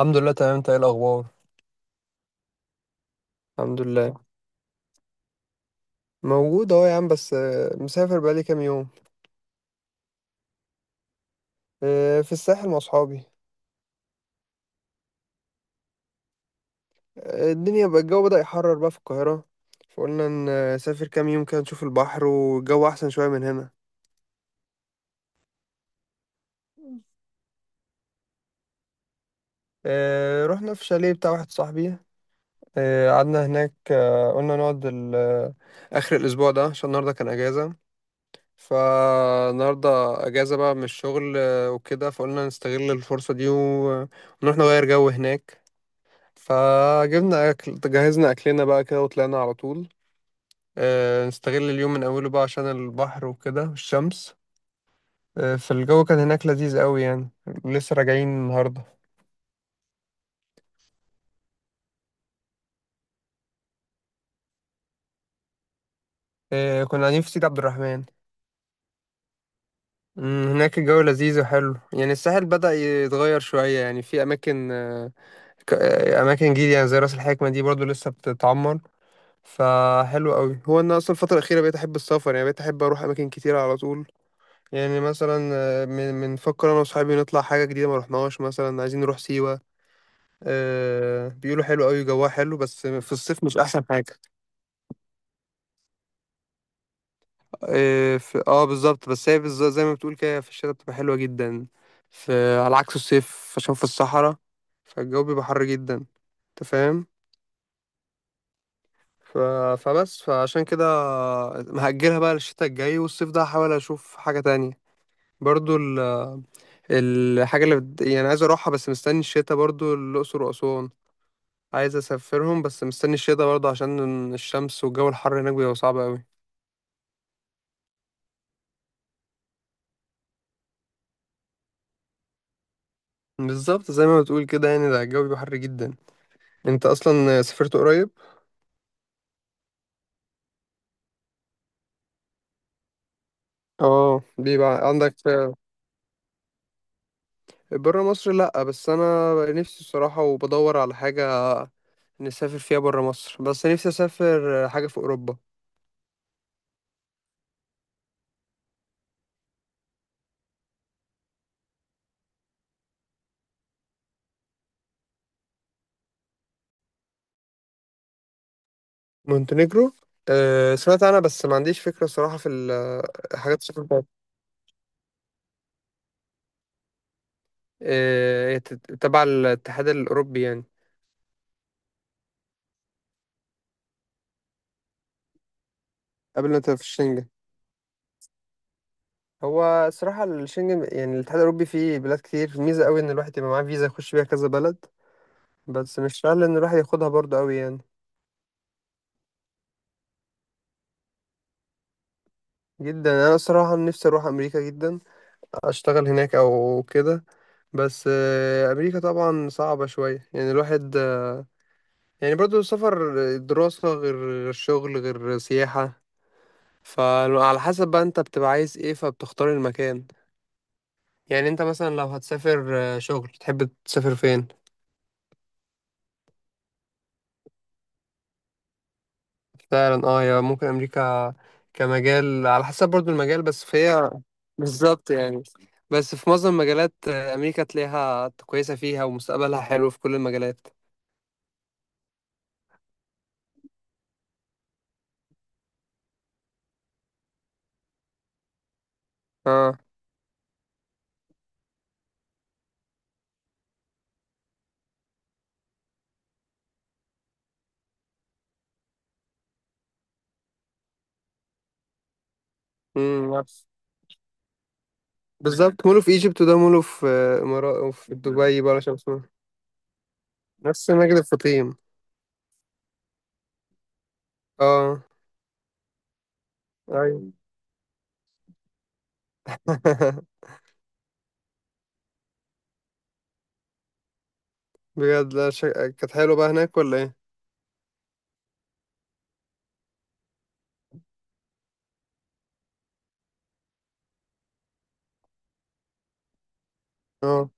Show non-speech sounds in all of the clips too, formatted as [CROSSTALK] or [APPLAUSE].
الحمد لله، تمام. انت ايه الاخبار؟ الحمد لله. موجود اهو يا عم، بس مسافر بقالي كام يوم. في الساحل مع اصحابي. الدنيا بقى، الجو بدأ يحرر بقى في القاهرة. فقلنا نسافر كام يوم كده نشوف البحر والجو احسن شوية من هنا. رحنا في شاليه بتاع واحد صاحبي. قعدنا هناك. آه، قلنا نقعد ال- آه، اخر الاسبوع ده عشان النهارده كان اجازة. فالنهارده اجازة بقى من الشغل، وكده فقلنا نستغل الفرصة دي ونروح نغير جو هناك. فجبنا أكل، جهزنا أكلنا بقى كده وطلعنا على طول، نستغل اليوم من أوله بقى عشان البحر وكده والشمس. فالجو كان هناك لذيذ قوي يعني. لسه راجعين النهاردة. كنا قاعدين في سيدي عبد الرحمن. مم، هناك الجو لذيذ وحلو يعني. الساحل بدأ يتغير شوية يعني، في أماكن أماكن جديدة يعني زي رأس الحكمة دي برضو لسه بتتعمر. فحلو قوي. هو أنا أصلا الفترة الأخيرة بقيت أحب السفر يعني، بقيت أحب أروح أماكن كتيرة على طول. يعني مثلا من بنفكر انا وصحابي نطلع حاجه جديده ما رحناهاش، مثلا عايزين نروح سيوه. بيقولوا حلو قوي جواها، حلو بس في الصيف مش احسن حاجه. اه، في... آه بالظبط، بس هي بالظبط زي ما بتقول كده، في الشتاء بتبقى حلوه جدا، على عكس الصيف عشان في الصحراء. فالجو بيبقى حر جدا. انت فاهم. ف... فبس فعشان كده مهجلها بقى للشتاء الجاي، والصيف ده هحاول اشوف حاجه تانية. برضو ال... الحاجه اللي بت... يعني عايز اروحها بس مستني الشتاء، برضو الاقصر واسوان عايز اسافرهم، بس مستني الشتا برضه عشان الشمس والجو الحر هناك بيبقى صعب قوي. بالظبط زي ما بتقول كده، يعني ده الجو بيبقى حر جدا. انت اصلا سافرت قريب؟ اه بيبقى عندك. بره مصر؟ لا، بس انا نفسي الصراحه وبدور على حاجه نسافر فيها بره مصر، بس نفسي اسافر حاجه في اوروبا. مونتينيجرو؟ أه سمعت عنها بس ما عنديش فكره صراحه في الحاجات السفر بتاعتها. أه، هي تبع الاتحاد الاوروبي يعني. قبل ما تبقى في الشنجن. هو صراحة الشنجن، يعني الاتحاد الأوروبي، فيه بلاد كتير، ميزة قوي إن الواحد يبقى معاه فيزا يخش بيها كذا بلد. بس مش سهل إن الواحد ياخدها برضه قوي يعني. جدا. أنا الصراحة نفسي أروح أمريكا جدا، أشتغل هناك أو كده. بس أمريكا طبعا صعبة شوية يعني، الواحد يعني برضه السفر دراسة غير شغل غير سياحة. فعلى حسب بقى أنت بتبقى عايز إيه، فبتختار المكان. يعني أنت مثلا لو هتسافر شغل، تحب تسافر فين؟ فعلا اه، يا ممكن امريكا كمجال، على حسب برضو المجال، بس فهي بالظبط يعني. بس في معظم المجالات امريكا تلاقيها كويسه فيها، ومستقبلها حلو في كل المجالات. اه. امم. نفس. بالظبط، مولو في ايجيبت، وده مولو في امارات وفي دبي بقى عشان اسمه. نفس مجد الفطيم. اه. ايوه. [LAUGHS] بجد لا شك... كانت حلوه بقى هناك ولا ايه؟ اه.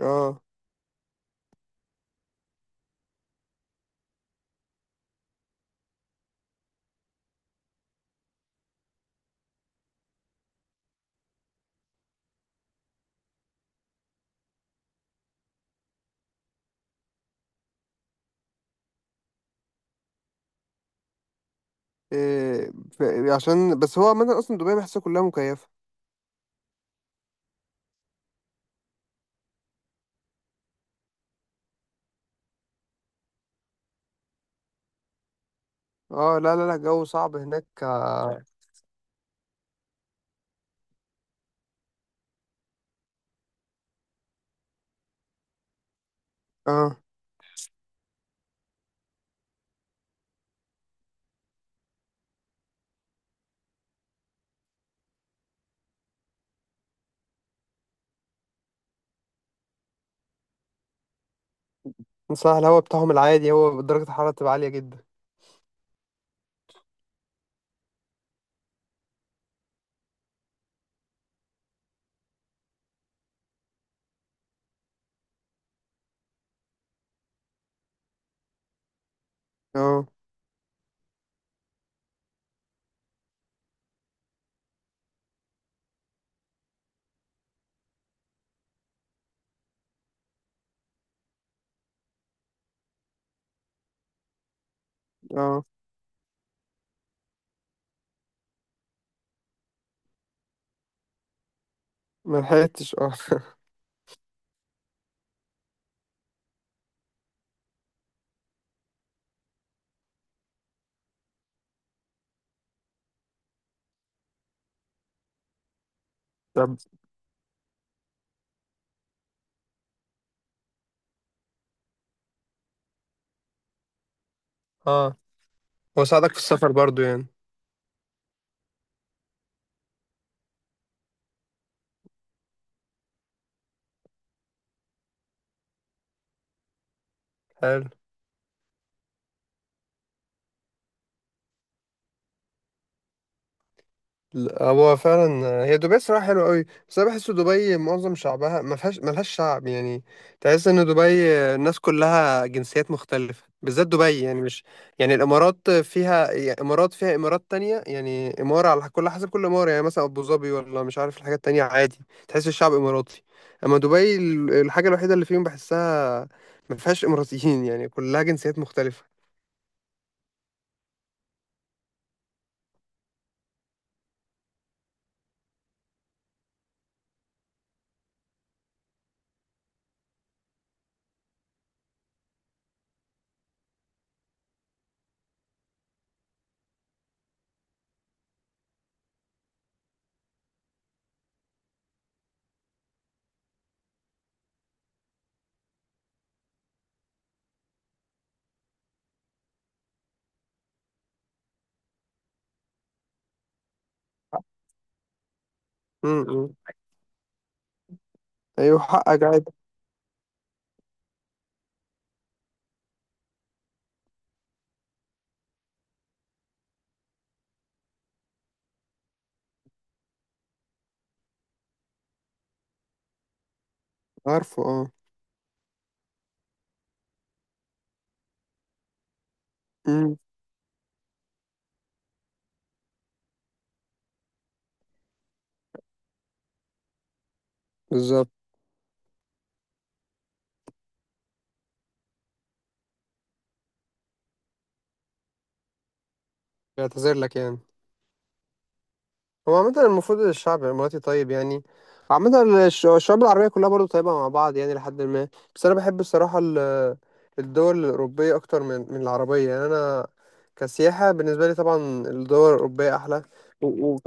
اه. إيه... عشان بس هو عامة اصلا دبي بحسها كلها مكيفه. اه لا لا لا، الجو صعب هناك اه. آه. صح، الهوا بتاعهم العادي، هو درجة الحرارة بتبقى عالية جدا. اه. اه ملحقتش اه [LAUGHS] طب. اه. وساعدك في السفر برضو يعني. حلو. لا، هو فعلا، هي دبي صراحة حلوة قوي، بس انا بحس دبي معظم شعبها ما فيهاش، ملهاش شعب يعني. تحس ان دبي الناس كلها جنسيات مختلفة، بالذات دبي يعني مش... يعني الامارات فيها، يعني امارات فيها امارات تانية يعني، امارة على كل حسب، كل امارة يعني، مثلا ابو ظبي ولا مش عارف الحاجات التانية، عادي تحس الشعب اماراتي. اما دبي الحاجة الوحيدة اللي فيهم بحسها ما فيهاش اماراتيين [LAUGHS] يعني كلها جنسيات مختلفة. امم. ايوه حقك، عادي. عارفه اه. امم. بالظبط. بيعتذر لك يعني. هو عامة المفروض الشعب الإماراتي طيب يعني، عامة الشعوب العربية كلها برضو طيبة مع بعض يعني، لحد ما... بس أنا بحب الصراحة الدول الأوروبية أكتر من العربية يعني. أنا كسياحة بالنسبة لي طبعا الدول الأوروبية أحلى. و... و...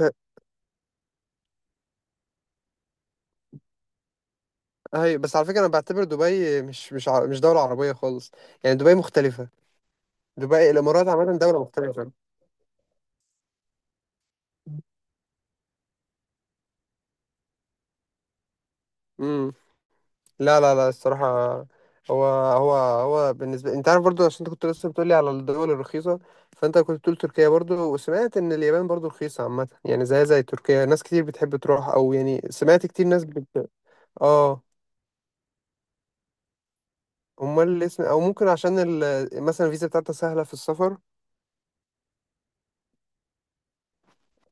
هي بس على فكرة أنا بعتبر دبي مش مش دولة عربية خالص، يعني دبي مختلفة. دبي الإمارات عامة دولة مختلفة. امم. لا لا لا، الصراحة هو بالنسبة، انت عارف برضو عشان انت كنت لسه بتقولي على الدول الرخيصة، فانت كنت بتقول تركيا برضو، وسمعت ان اليابان برضو رخيصة عامة، يعني زي تركيا ناس كتير بتحب تروح، او يعني سمعت كتير ناس بت... اه، امال اللي اسم او ممكن عشان مثلا الفيزا بتاعتها سهلة في السفر.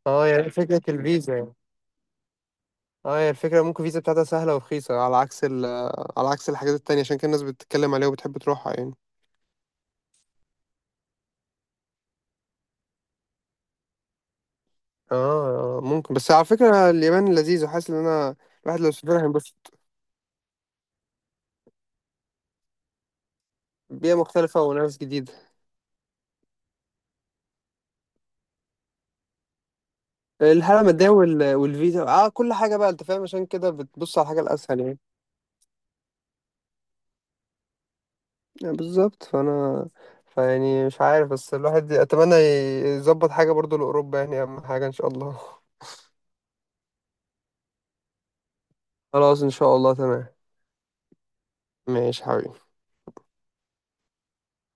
اه، يعني فكرة الفيزا يعني. اه، هي الفكرة ممكن الفيزا بتاعتها سهلة ورخيصة على عكس على عكس الحاجات التانية، عشان كده الناس بتتكلم عليها وبتحب تروحها يعني. اه ممكن. بس على فكرة اليابان لذيذ، وحاسس ان انا الواحد لو سافرها هينبسط. بيئة مختلفة وناس جديدة. الحالة المادية والفيزا، اه كل حاجة بقى انت فاهم، عشان كده بتبص على الحاجة الأسهل يعني. بالظبط. فأنا فيعني مش عارف، بس الواحد أتمنى يظبط حاجة برضو لأوروبا يعني، أهم حاجة إن شاء الله. [LAUGHS] خلاص إن شاء الله، تمام. ماشي حبيبي.